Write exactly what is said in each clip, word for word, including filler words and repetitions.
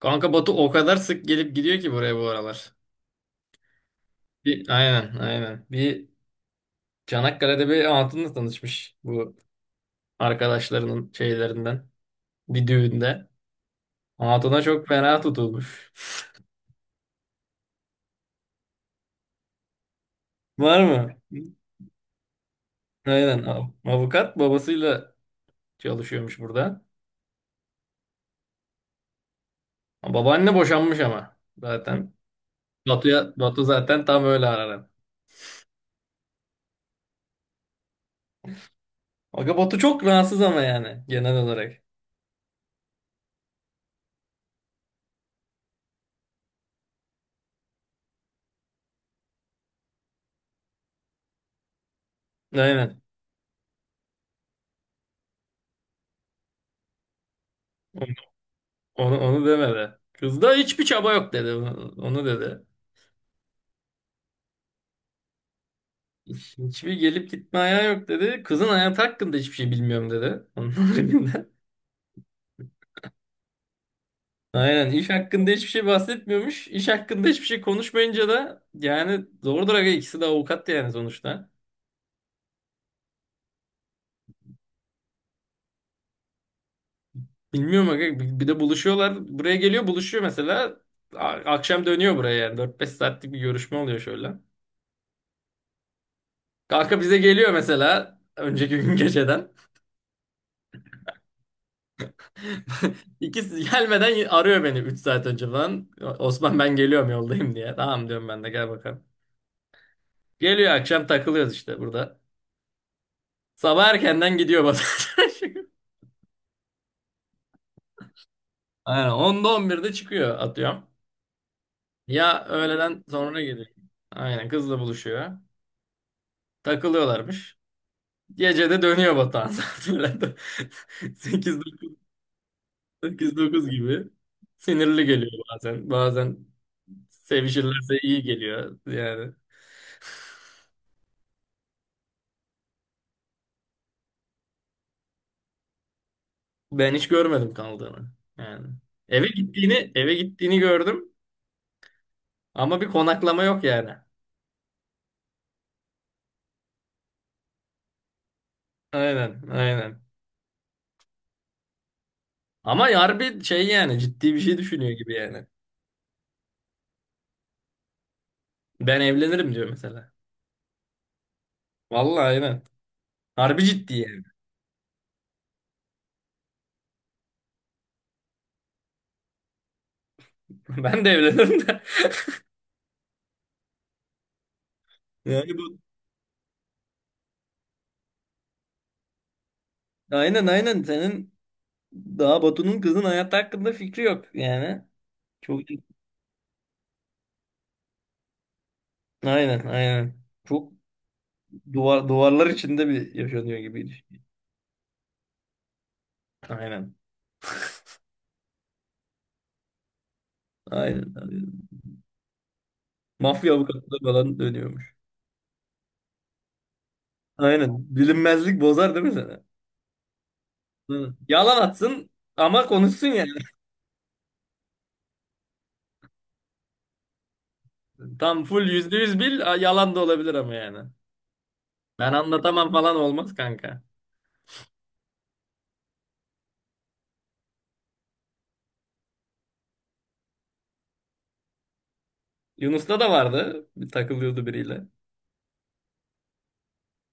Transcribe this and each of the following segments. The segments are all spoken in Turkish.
Kanka Batu o kadar sık gelip gidiyor ki buraya bu aralar. Bir, aynen aynen. Bir Çanakkale'de bir hatunla tanışmış bu arkadaşlarının şeylerinden. Bir düğünde. Hatuna çok fena tutulmuş. Var mı? Aynen. av- Avukat babasıyla çalışıyormuş burada. Babaanne boşanmış ama zaten. Batu'ya, Batu zaten tam öyle arar. Aga Batu çok rahatsız ama yani genel olarak. Aynen. Onu, onu demedi. Kızda hiçbir çaba yok dedi. Onu dedi. Hiçbir gelip gitme ayağı yok dedi. Kızın hayatı hakkında hiçbir şey bilmiyorum dedi. Onun haricinde. Aynen iş hakkında hiçbir şey bahsetmiyormuş. İş hakkında hiçbir şey konuşmayınca da yani doğrudur aga ikisi de avukat yani sonuçta. Bilmiyorum aga bir bir de buluşuyorlar. Buraya geliyor buluşuyor mesela. A- Akşam dönüyor buraya yani dört beş saatlik bir görüşme oluyor şöyle. Kanka bize geliyor mesela önceki gün geceden. İkisi gelmeden arıyor beni üç saat önce falan. Osman ben geliyorum yoldayım diye. Tamam diyorum ben de gel bakalım. Geliyor akşam takılıyoruz işte burada. Sabah erkenden gidiyor bazen. Aynen onda on birde çıkıyor atıyorum. Ya öğleden sonra geliyor. Aynen kızla buluşuyor. Takılıyorlarmış. Gece de dönüyor Batuhan saat öğlen sekiz dokuz gibi. Sinirli geliyor bazen. Bazen sevişirlerse iyi geliyor. Yani ben hiç görmedim kaldığını. Yani eve gittiğini eve gittiğini gördüm ama bir konaklama yok yani. Aynen, aynen. Ama harbi şey yani ciddi bir şey düşünüyor gibi yani. Ben evlenirim diyor mesela. Vallahi aynen. Harbi ciddi yani. Ben de evlenirim de. Yani bu aynen aynen senin daha Batu'nun kızın hayatı hakkında fikri yok yani. Çok aynen aynen. Çok duvar duvarlar içinde bir yaşanıyor gibiydi. Aynen. Aynen. aynen. Mafya avukatlığı falan dönüyormuş. Aynen. Bilinmezlik bozar değil mi sana? Hı. Yalan atsın ama konuşsun yani. Tam full yüzde yüz bil a- yalan da olabilir ama yani. Ben anlatamam falan olmaz kanka. Yunus'ta da vardı. Bir takılıyordu biriyle.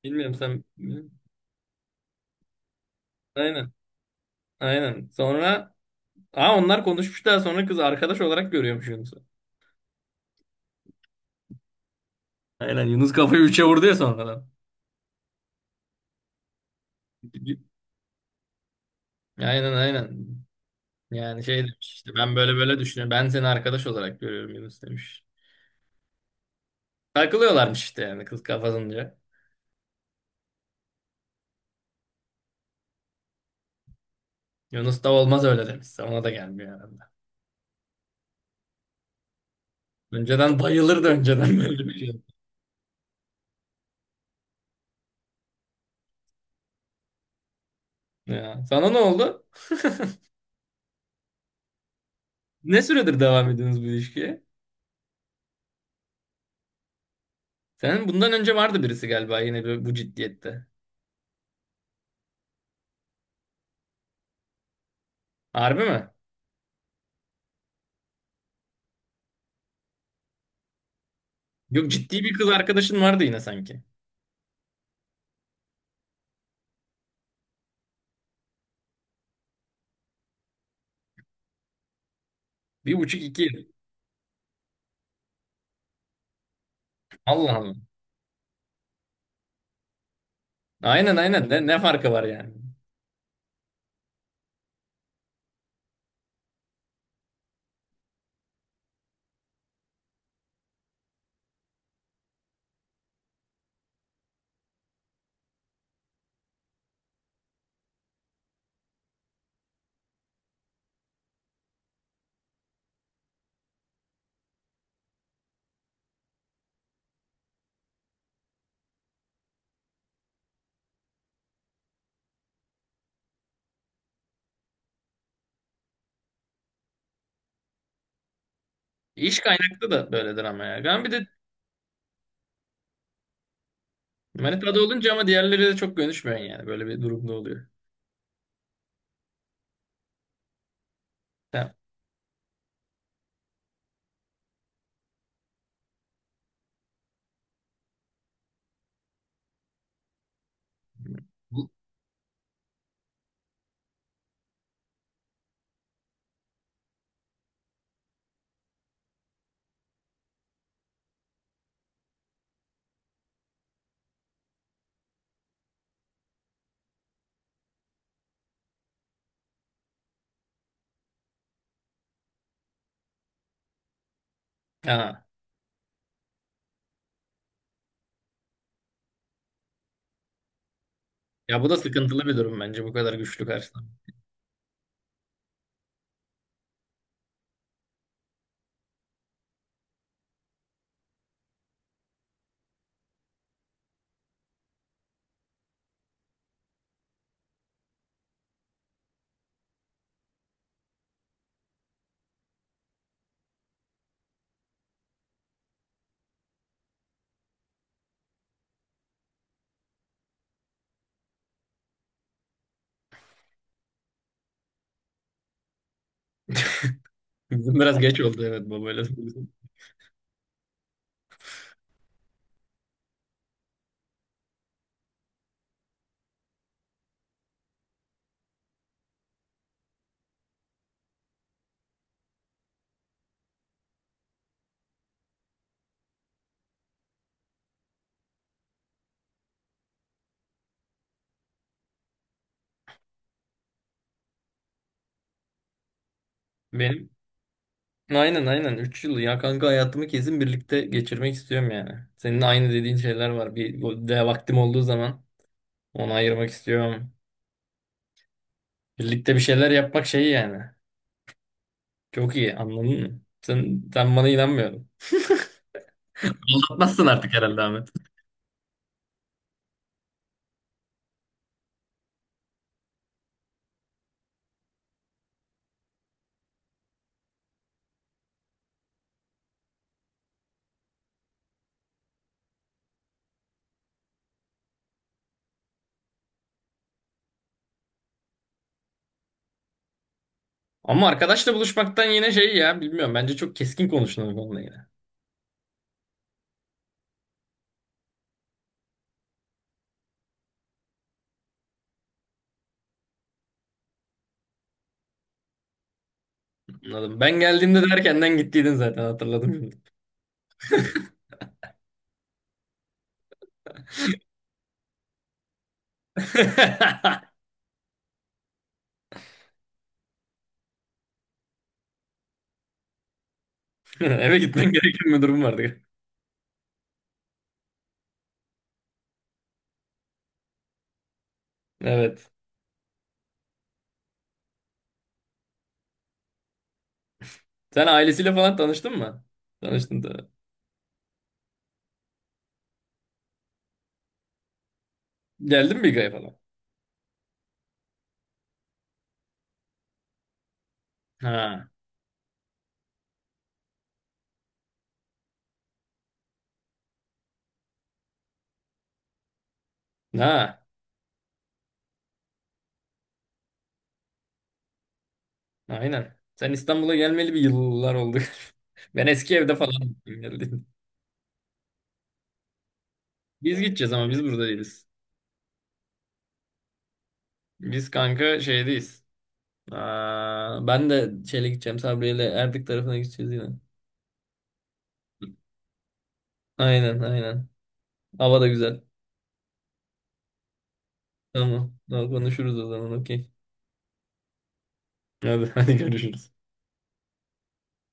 Bilmiyorum sen. Aynen. Aynen. Sonra, aa, onlar konuşmuş daha sonra kız arkadaş olarak görüyormuş Yunus'u. Aynen Yunus kafayı üçe vurdu ya sonradan. Aynen aynen. Yani şey demiş işte ben böyle böyle düşünüyorum. Ben seni arkadaş olarak görüyorum Yunus demiş. Takılıyorlarmış işte yani kız kafasınca. Yunus da olmaz öyle demiş. Ona da gelmiyor herhalde. Önceden bayılırdı önceden böyle bir şey. Ya, sana ne oldu? Ne süredir devam ediyorsunuz bu ilişkiye? Senin bundan önce vardı birisi galiba yine bu bu ciddiyette. Harbi mi? Yok ciddi bir kız arkadaşın vardı yine sanki. Bir buçuk iki yıl. Allah Allah. Aynen aynen. Ne, ne farkı var yani? İş kaynaklı da böyledir ama ya. Ben bir de manitada olunca ama diğerleri de çok görüşmüyorsun yani. Böyle bir durumda oluyor. Ha. Bu, ha. Ya bu da sıkıntılı bir durum bence bu kadar güçlü karşılamak. Bizim biraz geç oldu evet babayla. Benim Aynen aynen üç yıl ya kanka hayatımı kesin birlikte geçirmek istiyorum yani. Senin aynı dediğin şeyler var. Bir o de vaktim olduğu zaman onu ayırmak istiyorum. Birlikte bir şeyler yapmak şey yani. Çok iyi anladın mı? Sen, sen bana inanmıyorum. Anlatmazsın artık herhalde Ahmet. Ama arkadaşla buluşmaktan yine şey ya bilmiyorum. Bence çok keskin konuştun bu konuda yine. Anladım. Ben geldiğimde de erkenden gittiydin zaten hatırladım şimdi. Eve gitmen gereken bir durum vardı. Evet. Sen ailesiyle falan tanıştın mı? Tanıştın da. Geldin mi Biga'ya falan? Ha. Ha. Aynen. Sen İstanbul'a gelmeli bir yıllar oldu. Ben eski evde falan geldim. Biz gideceğiz ama biz burada değiliz. Biz kanka şeydeyiz. Aa, ben de şeyle gideceğim. Sabriye'yle Erdek tarafına gideceğiz yine. Aynen aynen. Hava da güzel. Tamam. Daha konuşuruz o zaman. Okey. Hadi, hadi görüşürüz.